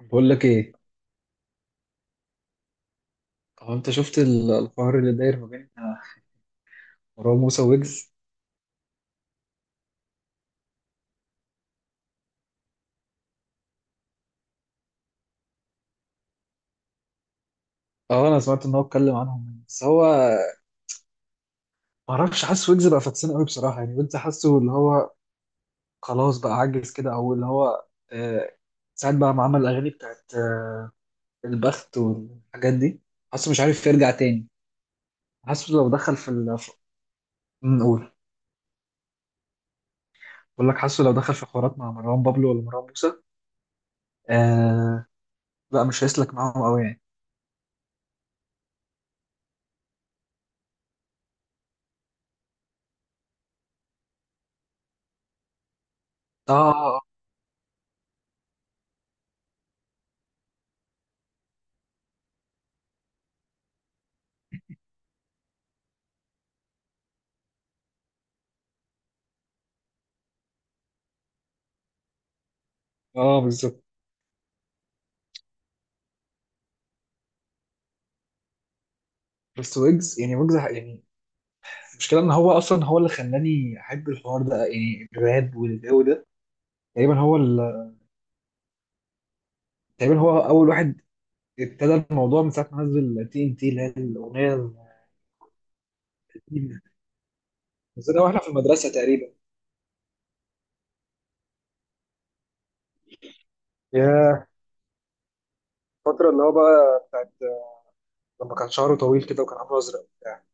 بقول لك ايه؟ هو انت شفت الحوار اللي داير ما بين مروان موسى ويجز. اه انا سمعت ان هو اتكلم عنهم، بس هو ما اعرفش. حاسس ويجز بقى فاكسان قوي بصراحه، يعني ويجز حاسه اللي هو خلاص بقى عجز كده، او اللي هو آه ساعات بقى ما عمل الاغاني بتاعت البخت والحاجات دي. حاسه مش عارف يرجع تاني. حاسه لو دخل قول. بقول لك، حاسه لو دخل في حوارات مع مروان بابلو ولا مروان موسى آه لا، مش هيسلك معاهم قوي يعني. اه بالظبط. بس ويجز يعني ويجز يعني المشكلة ان هو اصلا هو اللي خلاني احب الحوار ده، يعني الراب والجو ده. تقريبا هو ال... تقريبا هو اول واحد ابتدى الموضوع من ساعة ما نزل تي ان تي، اللي هي الاغنية القديمة. نزلها واحنا في المدرسة تقريبا. يا الفترة اللي هو بقى بتاعت لما كان شعره طويل كده وكان عامله ازرق وبتاع.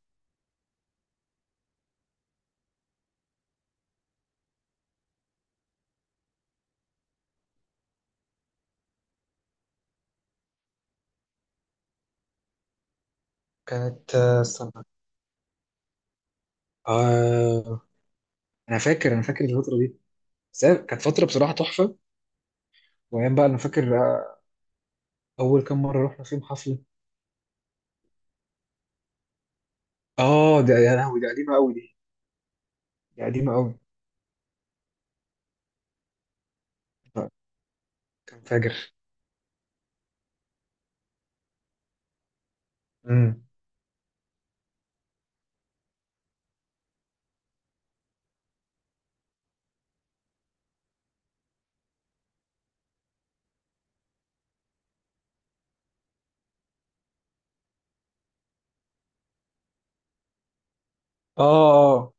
كانت استنى. آه انا فاكر الفترة دي. بس هي كانت فترة بصراحة تحفة. وايام بقى، انا فاكر اول كام مرة رحنا فيهم حفلة. اه ده يا لهوي، دي قديمة قوي دي. دي قديمة قوي. كان فاجر. اه اه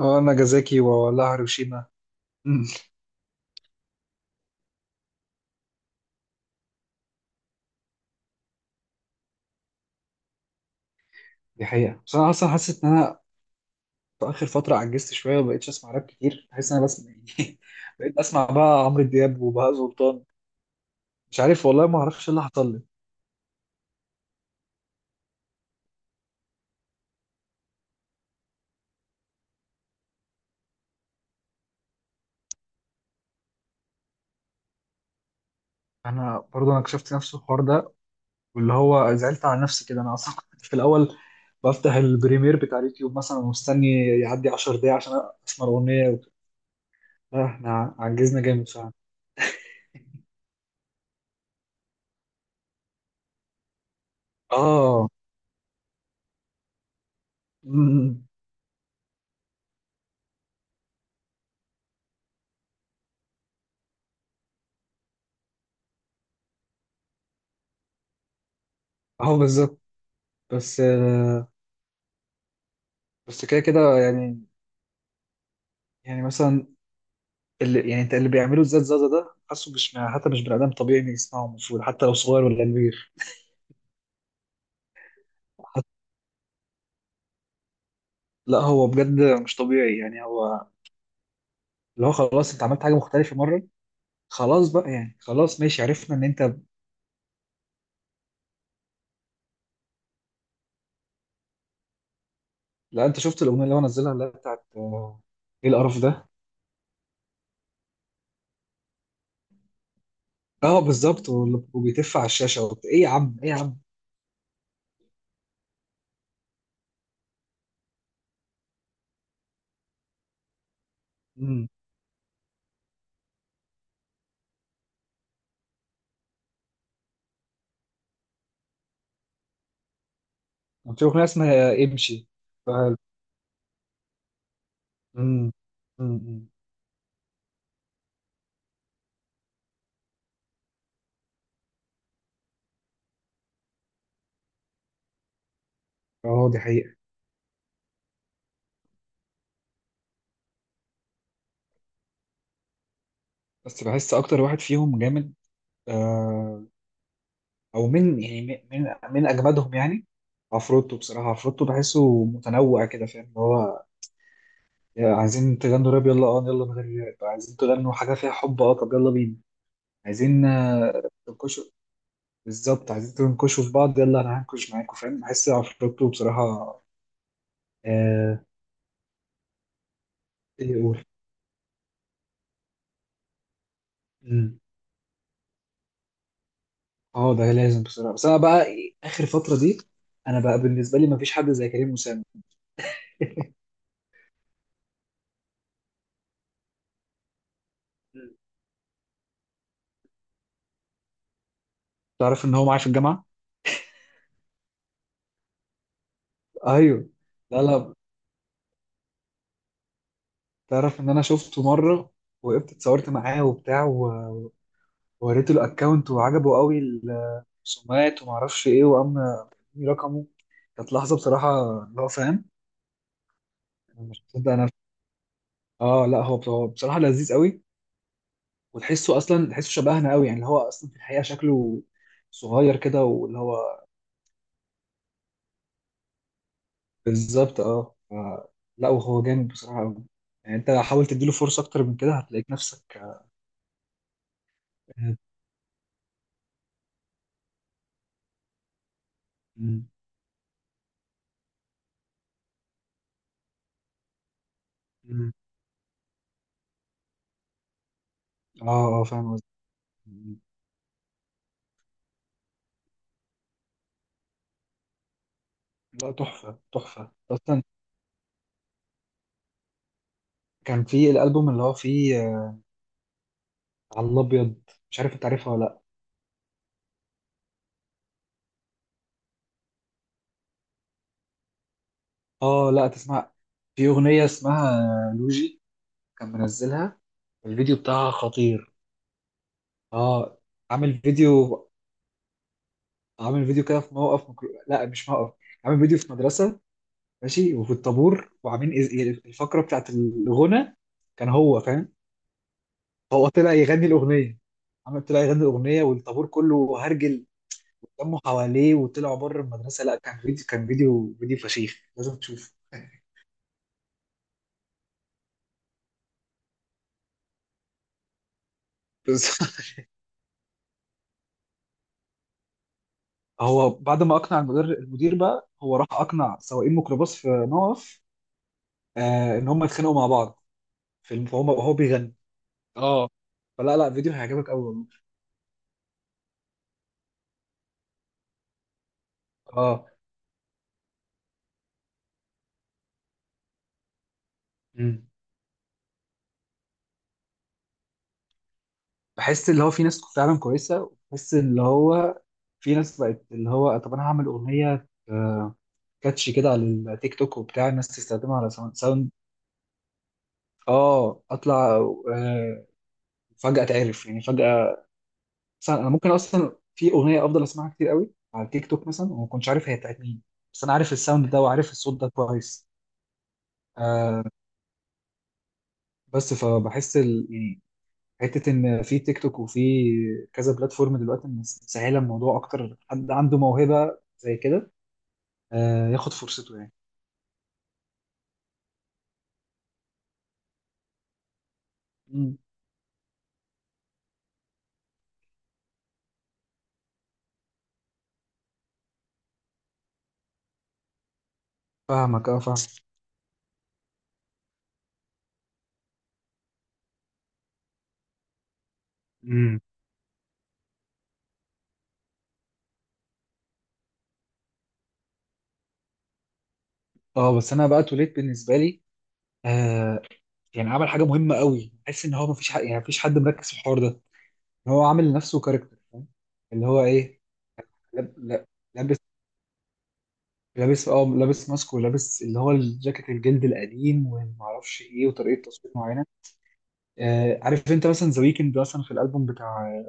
اه ناجازاكي ولا هيروشيما؟ أمم، دي حقيقة. بس انا اصلا حاسس ان انا في اخر فترة عجزت شوية وما بقتش اسمع راب كتير. بحس ان انا بسمع يعني بقيت بسمع بقى عمرو دياب وبهاء سلطان. مش عارف والله، ما اعرفش إيه اللي حصل لي. انا برضه، انا كشفت نفس الحوار ده. واللي هو زعلت على نفسي كده، انا اصلا كنت في الاول بفتح البريمير بتاع اليوتيوب مثلا ومستني يعدي 10 دقايق عشان اسمع الاغنية وكده. لا، احنا عجزنا جامد فعلا. اه. أمم، اه، بالظبط. بس بس كده كده يعني. يعني مثلا اللي يعني انت اللي بيعملوا الزاد زازا ده، حاسه مش حتى مش بني ادم طبيعي إن يسمعه، المفروض حتى لو صغير ولا كبير. حت- لا، هو بجد مش طبيعي يعني. هو اللي هو خلاص انت عملت حاجه مختلفه مره، خلاص بقى يعني، خلاص، ماشي، عرفنا ان انت. لا، انت شفت الاغنيه اللي هو نزلها، اللي هي بتاعت ايه القرف ده؟ اه بالظبط. وبيتف على الشاشه وبت... ايه يا عم، ايه يا عم. امم كان في اغنيه اسمها امشي. فهل- امم. امم. أمم. اه، دي حقيقه. بس بحس اكتر واحد فيهم جامد آه، او من يعني من اجمدهم يعني. عفروتو بصراحه، عفروتو بحسه متنوع كده، فاهم اللي هو يا عايزين تغنوا راب، يلا. اه يلا من غير راب، عايزين تغنوا حاجه فيها حب، طب يلا بينا. عايزين تنكشوا، بالظبط، عايزين تنكشوا في بعض، يلا انا هنكش معاكم، فاهم؟ بحس عفروتو بصراحه. آه. ايه يقول. مم. اه ده لازم بصراحه. بس انا بقى اخر فتره دي، انا بقى بالنسبه لي ما فيش حد زي كريم اسامه. تعرف ان هو معايا في الجامعه. ايوه. لا، لا. تعرف ان انا شفته مره، وقفت اتصورت معاه وبتاع ووريته الاكونت وعجبه قوي الرسومات وما اعرفش ايه، وقام اداني رقمه. كانت لحظه بصراحه، اللي هو فاهم. انا مش مصدق انا. اه لا، هو بصراحه لذيذ قوي. وتحسه اصلا، تحسه شبهنا قوي يعني، اللي هو اصلا في الحقيقه شكله صغير كده واللي هو بالظبط. لا، وهو جامد بصراحه قوي. يعني انت حاول تديله فرصه اكتر من كده، هتلاقيك نفسك اه. مم. مم. اه آه، فاهم قصدي. لا، تحفة تحفة أصلا. كان في الألبوم اللي هو فيه على الأبيض. مش عارف أنت عارفها ولا لأ. لأ، تسمع. في أغنية اسمها لوجي، كان منزلها. الفيديو بتاعها خطير. آه. عامل فيديو عامل فيديو كده في موقف لأ، مش موقف. عامل فيديو في مدرسة ماشي، وفي الطابور وعاملين الفقرة بتاعت الغنى، كان هو فاهم. هو طلع يغني الأغنية. طلع يغني الأغنية والطابور كله هرجل، لموا حواليه وطلعوا بره المدرسه. لا، كان فيديو، فيديو فشيخ، لازم تشوفه. بس هو بعد ما اقنع المدير، بقى هو راح اقنع سواقين ميكروباص في موقف، آه، ان هم يتخانقوا مع بعض. وهو بيغني. اه. فلا، لا، فيديو هيعجبك قوي والله. اه. مم. بحس اللي هو في ناس فعلا كويسه، وبحس اللي هو في ناس بقت اللي هو طب انا هعمل اغنيه كاتشي كده على التيك توك وبتاع، الناس تستخدمها على ساوند ساوند. اه، اطلع آه، فجأة اتعرف يعني فجأة. مثلا انا ممكن اصلا في اغنية افضل اسمعها كتير قوي على التيك توك مثلا وما كنتش عارف هي بتاعت مين، بس انا عارف الساوند ده وعارف الصوت ده كويس. آه بس فبحس ال... يعني حتة ان في تيك توك وفي كذا بلاتفورم دلوقتي مسهلة الموضوع، اكتر حد عنده موهبة زي كده ياخد فرصته يعني. مم. فاهمك، فاهم. مم. اه، بس انا بقى توليت بالنسبة لي آه يعني عمل حاجة مهمة قوي، بحس ان هو مفيش حد، يعني مفيش حد مركز في الحوار ده. هو عامل لنفسه كاركتر، فاهم اللي هو ايه. لاب- لا- لابس، لابس ماسك ولابس اللي هو الجاكيت الجلد القديم ومعرفش ايه وطريقه تصوير معينه. عارف انت مثلا ذا ويكند مثلا، في الالبوم بتاع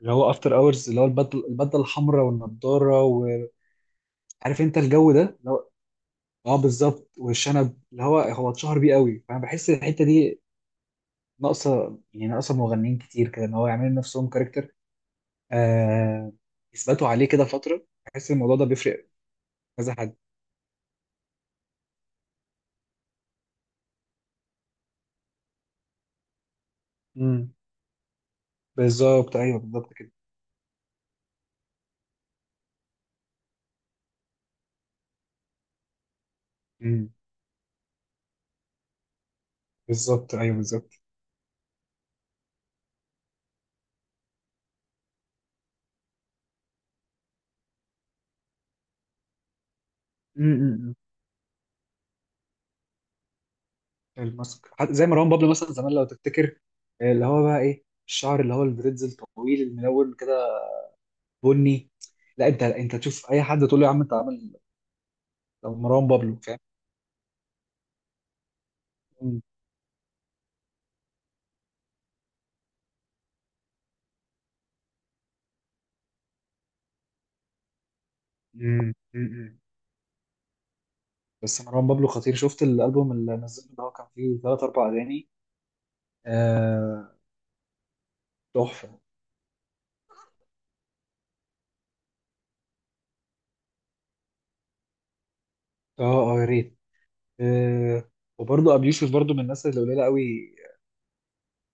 اللي هو افتر اورز، اللي هو البدله، الحمراء والنضاره، وعارف انت الجو ده اللي هو. اه، بالظبط، والشنب اللي هو اتشهر بيه قوي. فانا بحس الحته دي ناقصه، يعني ناقصه مغنيين كتير كده، ان هو يعملوا نفسهم كاركتر آه يثبتوا عليه كده فتره. بحس الموضوع ده بيفرق كذا حد. امم بالظبط، ايوه، بالظبط كده. امم بالظبط، ايوه، بالظبط. امم. الماسك حتى زي مروان بابلو مثلا زمان لو تفتكر آه، اللي هو بقى ايه الشعر اللي هو الدريدز الطويل الملون كده بني لا انت انت تشوف اي حد تقول له يا عم انت عامل ده مروان بابلو فاهم امم امم امم بس مروان بابلو خطير، شفت الالبوم اللي نزله اللي هو كان فيه ثلاث اربع اغاني؟ آه، تحفه. اه اه، يا ريت. آه، وبرضه ابي يوسف برضه من الناس اللي قليله قوي.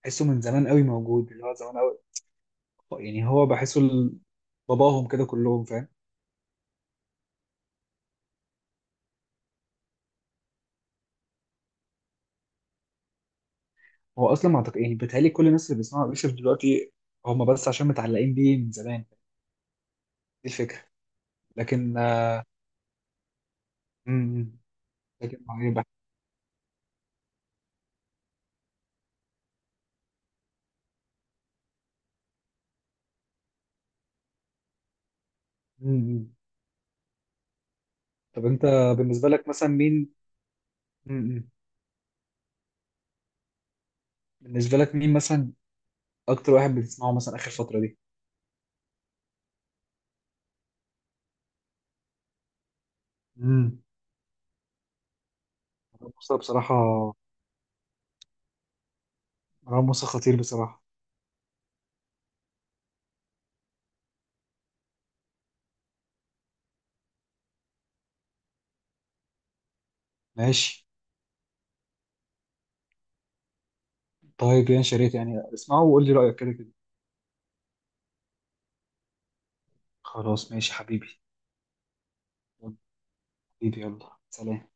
تحسه من زمان قوي موجود، اللي هو زمان قوي، يعني هو بحسه باباهم كده كلهم، فاهم. هو اصلا ما اعتقد، يعني بيتهيألي كل الناس اللي بيسمعوا يوسف دلوقتي هم بس عشان متعلقين بيه من زمان. دي الفكره. لكن امم، لكن معايا بقى. امم. طب انت، بالنسبه لك مثلا مين؟ امم. بالنسبه لك مين مثلا اكتر واحد بتسمعه مثلا اخر فتره دي؟ امم. مروان موسى بصراحه. مروان موسى خطير بصراحه. ماشي. طيب يا شريف، يعني اسمعه وقول لي رايك كده كده. خلاص، ماشي حبيبي. حبيبي، يلا سلام.